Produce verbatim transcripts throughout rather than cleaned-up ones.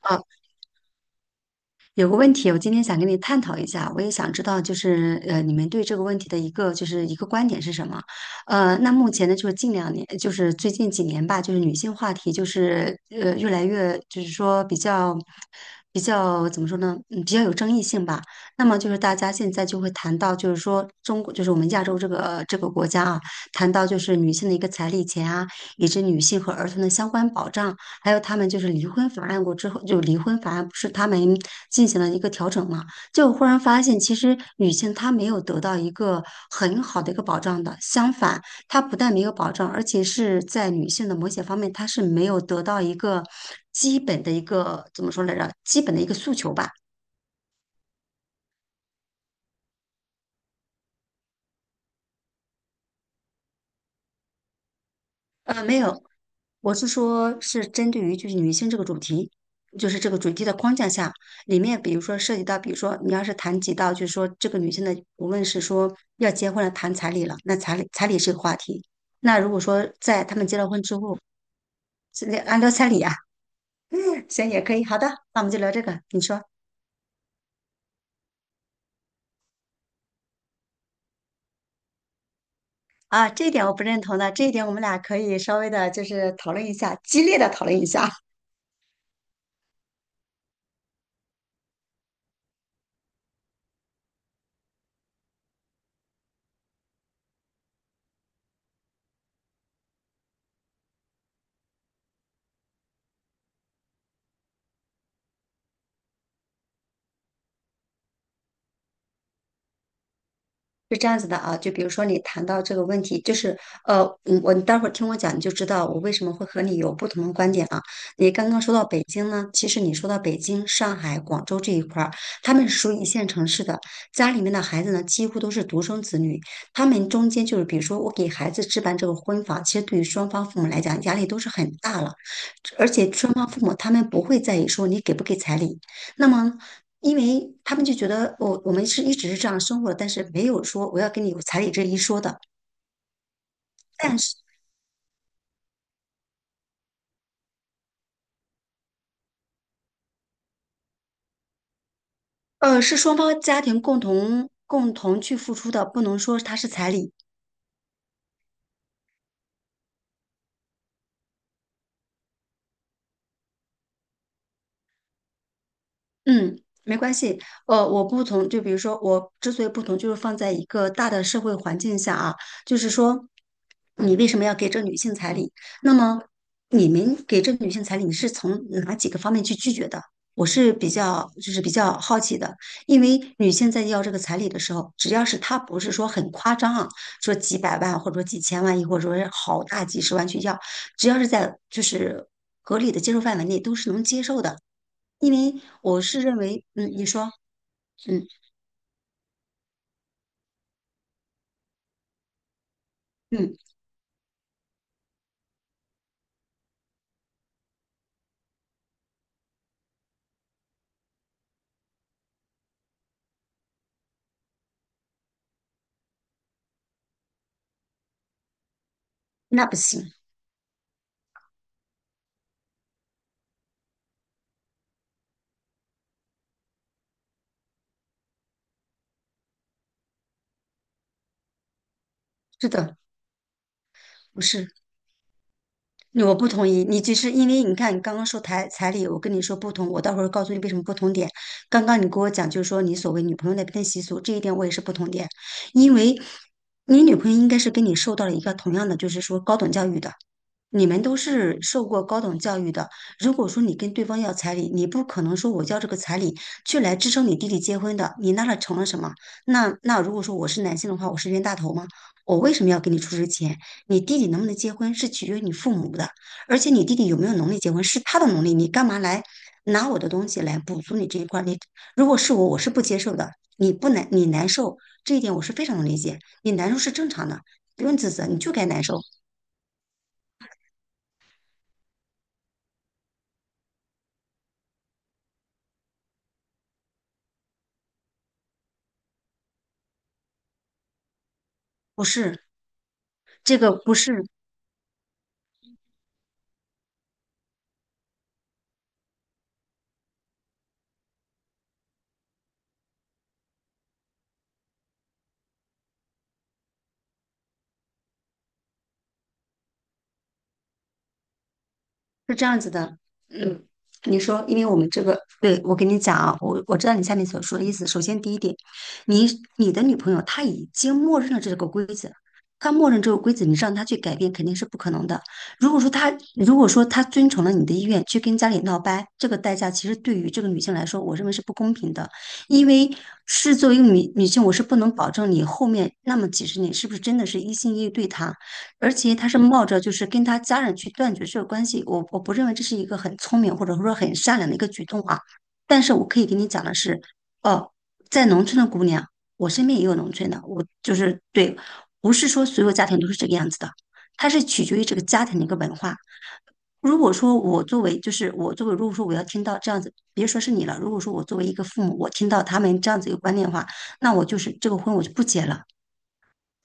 啊，有个问题，我今天想跟你探讨一下，我也想知道，就是呃，你们对这个问题的一个就是一个观点是什么？呃，那目前呢，就是近两年，就是最近几年吧，就是女性话题就是呃越来越，就是说比较比较怎么说呢，嗯，比较有争议性吧。那么就是大家现在就会谈到，就是说中国，就是我们亚洲这个这个国家啊，谈到就是女性的一个彩礼钱啊，以及女性和儿童的相关保障。还有他们就是离婚法案过之后，就离婚法案不是他们进行了一个调整嘛？就忽然发现，其实女性她没有得到一个很好的一个保障的，相反，她不但没有保障，而且是在女性的某些方面，她是没有得到一个基本的一个怎么说来着？基本的一个诉求吧。呃，没有，我是说，是针对于就是女性这个主题，就是这个主题的框架下，里面比如说涉及到，比如说你要是谈及到，就是说这个女性的，无论是说要结婚了，谈彩礼了，那彩礼彩礼是个话题。那如果说在他们结了婚之后，是按照彩礼啊，行也可以。好的，那我们就聊这个。你说啊，这一点我不认同的，这一点我们俩可以稍微的，就是讨论一下，激烈的讨论一下。是这样子的啊，就比如说你谈到这个问题，就是呃，嗯，我你待会儿听我讲，你就知道我为什么会和你有不同的观点啊。你刚刚说到北京呢，其实你说到北京、上海、广州这一块儿，他们是属于一线城市的，家里面的孩子呢几乎都是独生子女，他们中间就是比如说我给孩子置办这个婚房，其实对于双方父母来讲压力都是很大了，而且双方父母他们不会在意说你给不给彩礼，那么，因为他们就觉得我我们是一直是这样生活的，但是没有说我要跟你有彩礼这一说的。但是，呃，是双方家庭共同共同去付出的，不能说它是彩礼。嗯，没关系。呃，我不同，就比如说，我之所以不同，就是放在一个大的社会环境下啊，就是说，你为什么要给这女性彩礼？那么，你们给这女性彩礼，你是从哪几个方面去拒绝的？我是比较，就是比较好奇的，因为女性在要这个彩礼的时候，只要是她不是说很夸张啊，说几百万或者说几千万，亦或者说是好大几十万去要，只要是在就是合理的接受范围内，都是能接受的。因为我是认为，嗯，你说，嗯嗯，那不行，是的，不是，我不同意。你就是因为你看，你刚刚说彩彩礼，我跟你说不同，我到时候告诉你为什么不同点。刚刚你跟我讲，就是说你所谓女朋友那边的习俗，这一点我也是不同点，因为你女朋友应该是跟你受到了一个同样的，就是说高等教育的。你们都是受过高等教育的，如果说你跟对方要彩礼，你不可能说我要这个彩礼去来支撑你弟弟结婚的，你那了成了什么？那那如果说我是男性的话，我是冤大头吗？我为什么要给你出这钱？你弟弟能不能结婚是取决于你父母的，而且你弟弟有没有能力结婚是他的能力，你干嘛来拿我的东西来补足你这一块儿你如果是我，我是不接受的。你不难，你难受这一点我是非常能理解，你难受是正常的，不用自责，你就该难受，不是？这个不是，是这样子的，嗯，你说，因为我们这个，对，我跟你讲啊，我我知道你下面所说的意思。首先，第一点，你你的女朋友她已经默认了这个规则，她默认这个规则，你让她去改变肯定是不可能的。如果说她如果说她遵从了你的意愿去跟家里闹掰，这个代价其实对于这个女性来说，我认为是不公平的，因为是作为一个女女性，我是不能保证你后面那么几十年是不是真的是一心一意对她。而且他是冒着就是跟他家人去断绝这个关系，我我不认为这是一个很聪明或者说很善良的一个举动啊。但是我可以跟你讲的是，哦，在农村的姑娘，我身边也有农村的，我就是对，不是说所有家庭都是这个样子的，它是取决于这个家庭的一个文化。如果说我作为就是我作为，如果说我要听到这样子，别说是你了，如果说我作为一个父母，我听到他们这样子一个观念的话，那我就是这个婚我就不结了。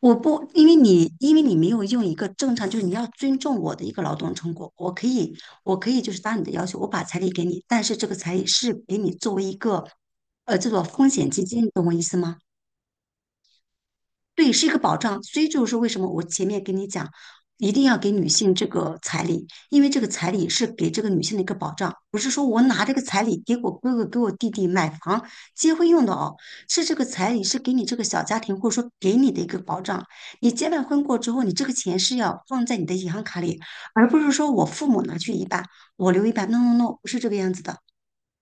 我不，因为你，因为你没有用一个正常，就是你要尊重我的一个劳动成果。我可以，我可以就是答你的要求，我把彩礼给你，但是这个彩礼是给你作为一个，呃，这种风险基金，你懂我意思吗？对，是一个保障。所以就是为什么我前面跟你讲，一定要给女性这个彩礼，因为这个彩礼是给这个女性的一个保障，不是说我拿这个彩礼给我哥哥、给我弟弟买房、结婚用的哦，是这个彩礼是给你这个小家庭或者说给你的一个保障。你结完婚过之后，你这个钱是要放在你的银行卡里，而不是说我父母拿去一半，我留一半。No No No，不是这个样子的。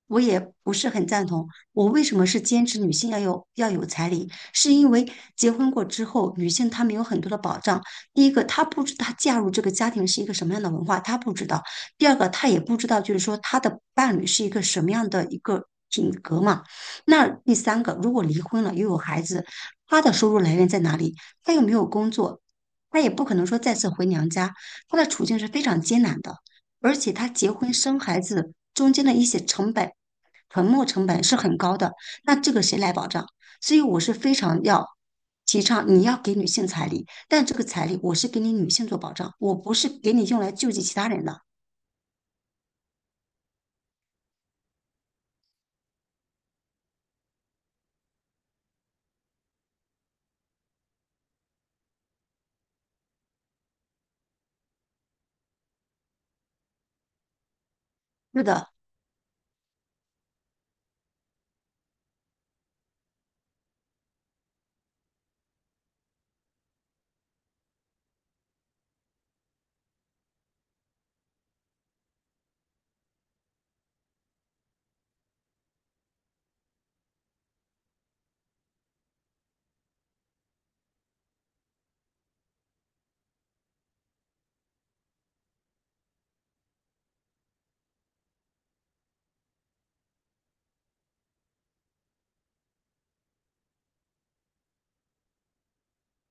我也不是很赞同。我为什么是坚持女性要有要有彩礼？是因为结婚过之后，女性她没有很多的保障。第一个，她不知道她嫁入这个家庭是一个什么样的文化，她不知道；第二个，她也不知道，就是说她的伴侣是一个什么样的一个品格嘛。那第三个，如果离婚了又有孩子，她的收入来源在哪里？她又没有工作，她也不可能说再次回娘家，她的处境是非常艰难的。而且她结婚生孩子中间的一些成本传播成本是很高的，那这个谁来保障？所以我是非常要提倡，你要给女性彩礼，但这个彩礼我是给你女性做保障，我不是给你用来救济其他人的。是的，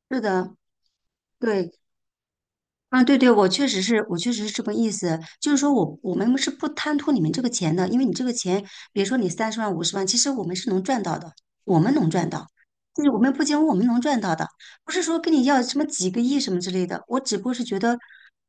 是的，对。啊，对对，我确实是，我确实是这个意思，就是说我我们是不贪图你们这个钱的，因为你这个钱，比如说你三十万、五十万，其实我们是能赚到的，我们能赚到，就是我们不仅我们能赚到的，不是说跟你要什么几个亿什么之类的，我只不过是觉得，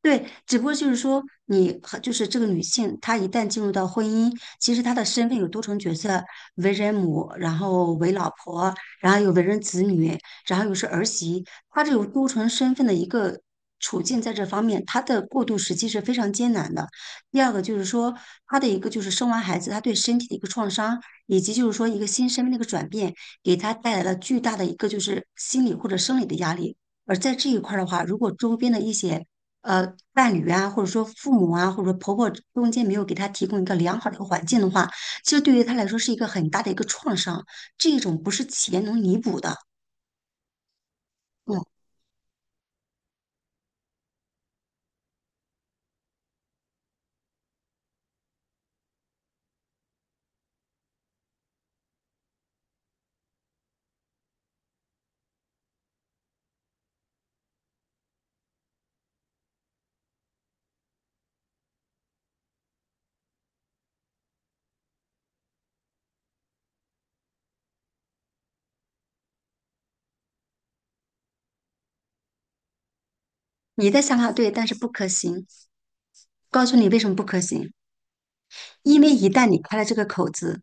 对，只不过就是说你和就是这个女性，她一旦进入到婚姻，其实她的身份有多重角色，为人母，然后为老婆，然后又为人子女，然后又是儿媳。他这种多重身份的一个处境，在这方面，他的过渡时期是非常艰难的。第二个就是说，他的一个就是生完孩子，他对身体的一个创伤，以及就是说一个新身份的一个转变，给他带来了巨大的一个就是心理或者生理的压力。而在这一块儿的话，如果周边的一些呃伴侣啊，或者说父母啊，或者说婆婆中间没有给他提供一个良好的一个环境的话，其实对于他来说是一个很大的一个创伤，这种不是钱能弥补的。嗯。你的想法对，但是不可行。告诉你为什么不可行，因为一旦你开了这个口子，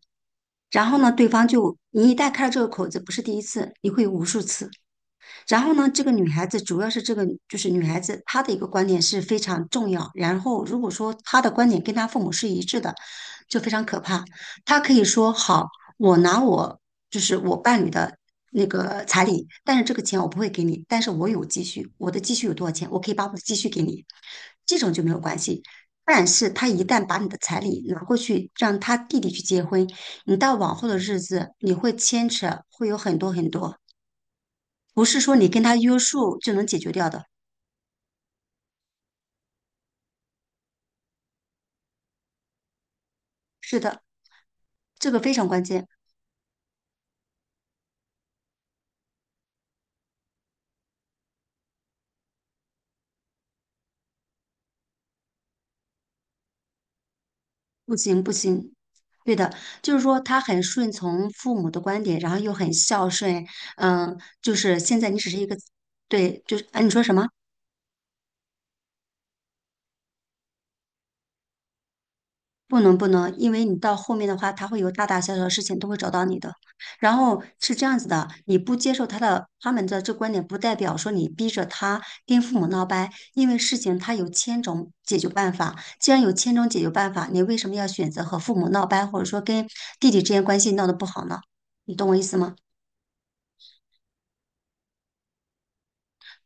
然后呢，对方就你一旦开了这个口子，不是第一次，你会有无数次。然后呢，这个女孩子主要是这个就是女孩子她的一个观点是非常重要。然后如果说她的观点跟她父母是一致的，就非常可怕。她可以说好，我拿我就是我伴侣的那个彩礼，但是这个钱我不会给你，但是我有积蓄，我的积蓄有多少钱，我可以把我的积蓄给你，这种就没有关系。但是他一旦把你的彩礼拿过去，让他弟弟去结婚，你到往后的日子，你会牵扯，会有很多很多不是说你跟他约束就能解决掉的。是的，这个非常关键。不行，不行。对的，就是说他很顺从父母的观点，然后又很孝顺。嗯，就是现在你只是一个，对，就是，哎，你说什么？不能不能，因为你到后面的话，他会有大大小小的事情都会找到你的。然后是这样子的，你不接受他的他们的这观点，不代表说你逼着他跟父母闹掰，因为事情他有千种解决办法。既然有千种解决办法，你为什么要选择和父母闹掰，或者说跟弟弟之间关系闹得不好呢？你懂我意思吗？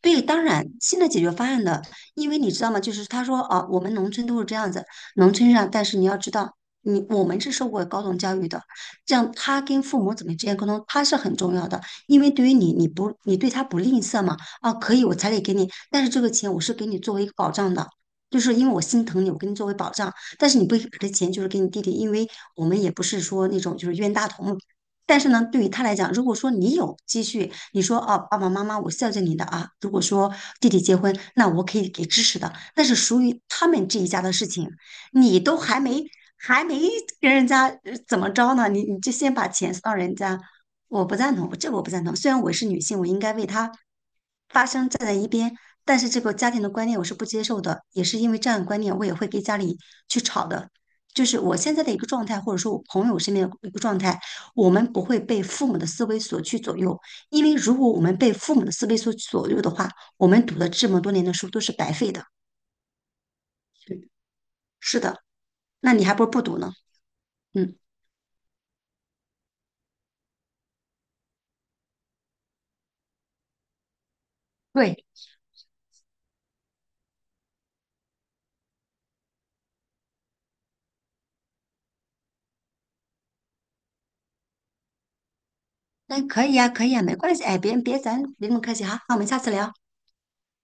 对，当然，新的解决方案的，因为你知道吗？就是他说，啊，我们农村都是这样子，农村上，但是你要知道，你我们是受过高等教育的，这样他跟父母怎么之间沟通，他是很重要的，因为对于你，你不，你对他不吝啬嘛，啊，可以，我彩礼给你，但是这个钱我是给你作为一个保障的。就是因为我心疼你，我给你作为保障，但是你不给以把这钱就是给你弟弟，因为我们也不是说那种就是冤大头嘛，但是呢，对于他来讲，如果说你有积蓄，你说哦，爸爸妈妈，我孝敬你的啊。如果说弟弟结婚，那我可以给支持的，那是属于他们这一家的事情。你都还没还没跟人家呃怎么着呢，你你就先把钱送到人家，我不赞同，这个我不赞同。虽然我是女性，我应该为他发声。但是这个家庭的观念我是不接受的，也是因为这样的观念，我也会跟家里去吵的。就是我现在的一个状态，或者说我朋友身边的一个状态，我们不会被父母的思维所去左右，因为如果我们被父母的思维所左右的话，我们读了这么多年的书都是白费的。是的，那你还不如不读呢。嗯，对，那可以呀，可以呀，没关系，哎，别别，咱别那么客气哈，那我们下次聊。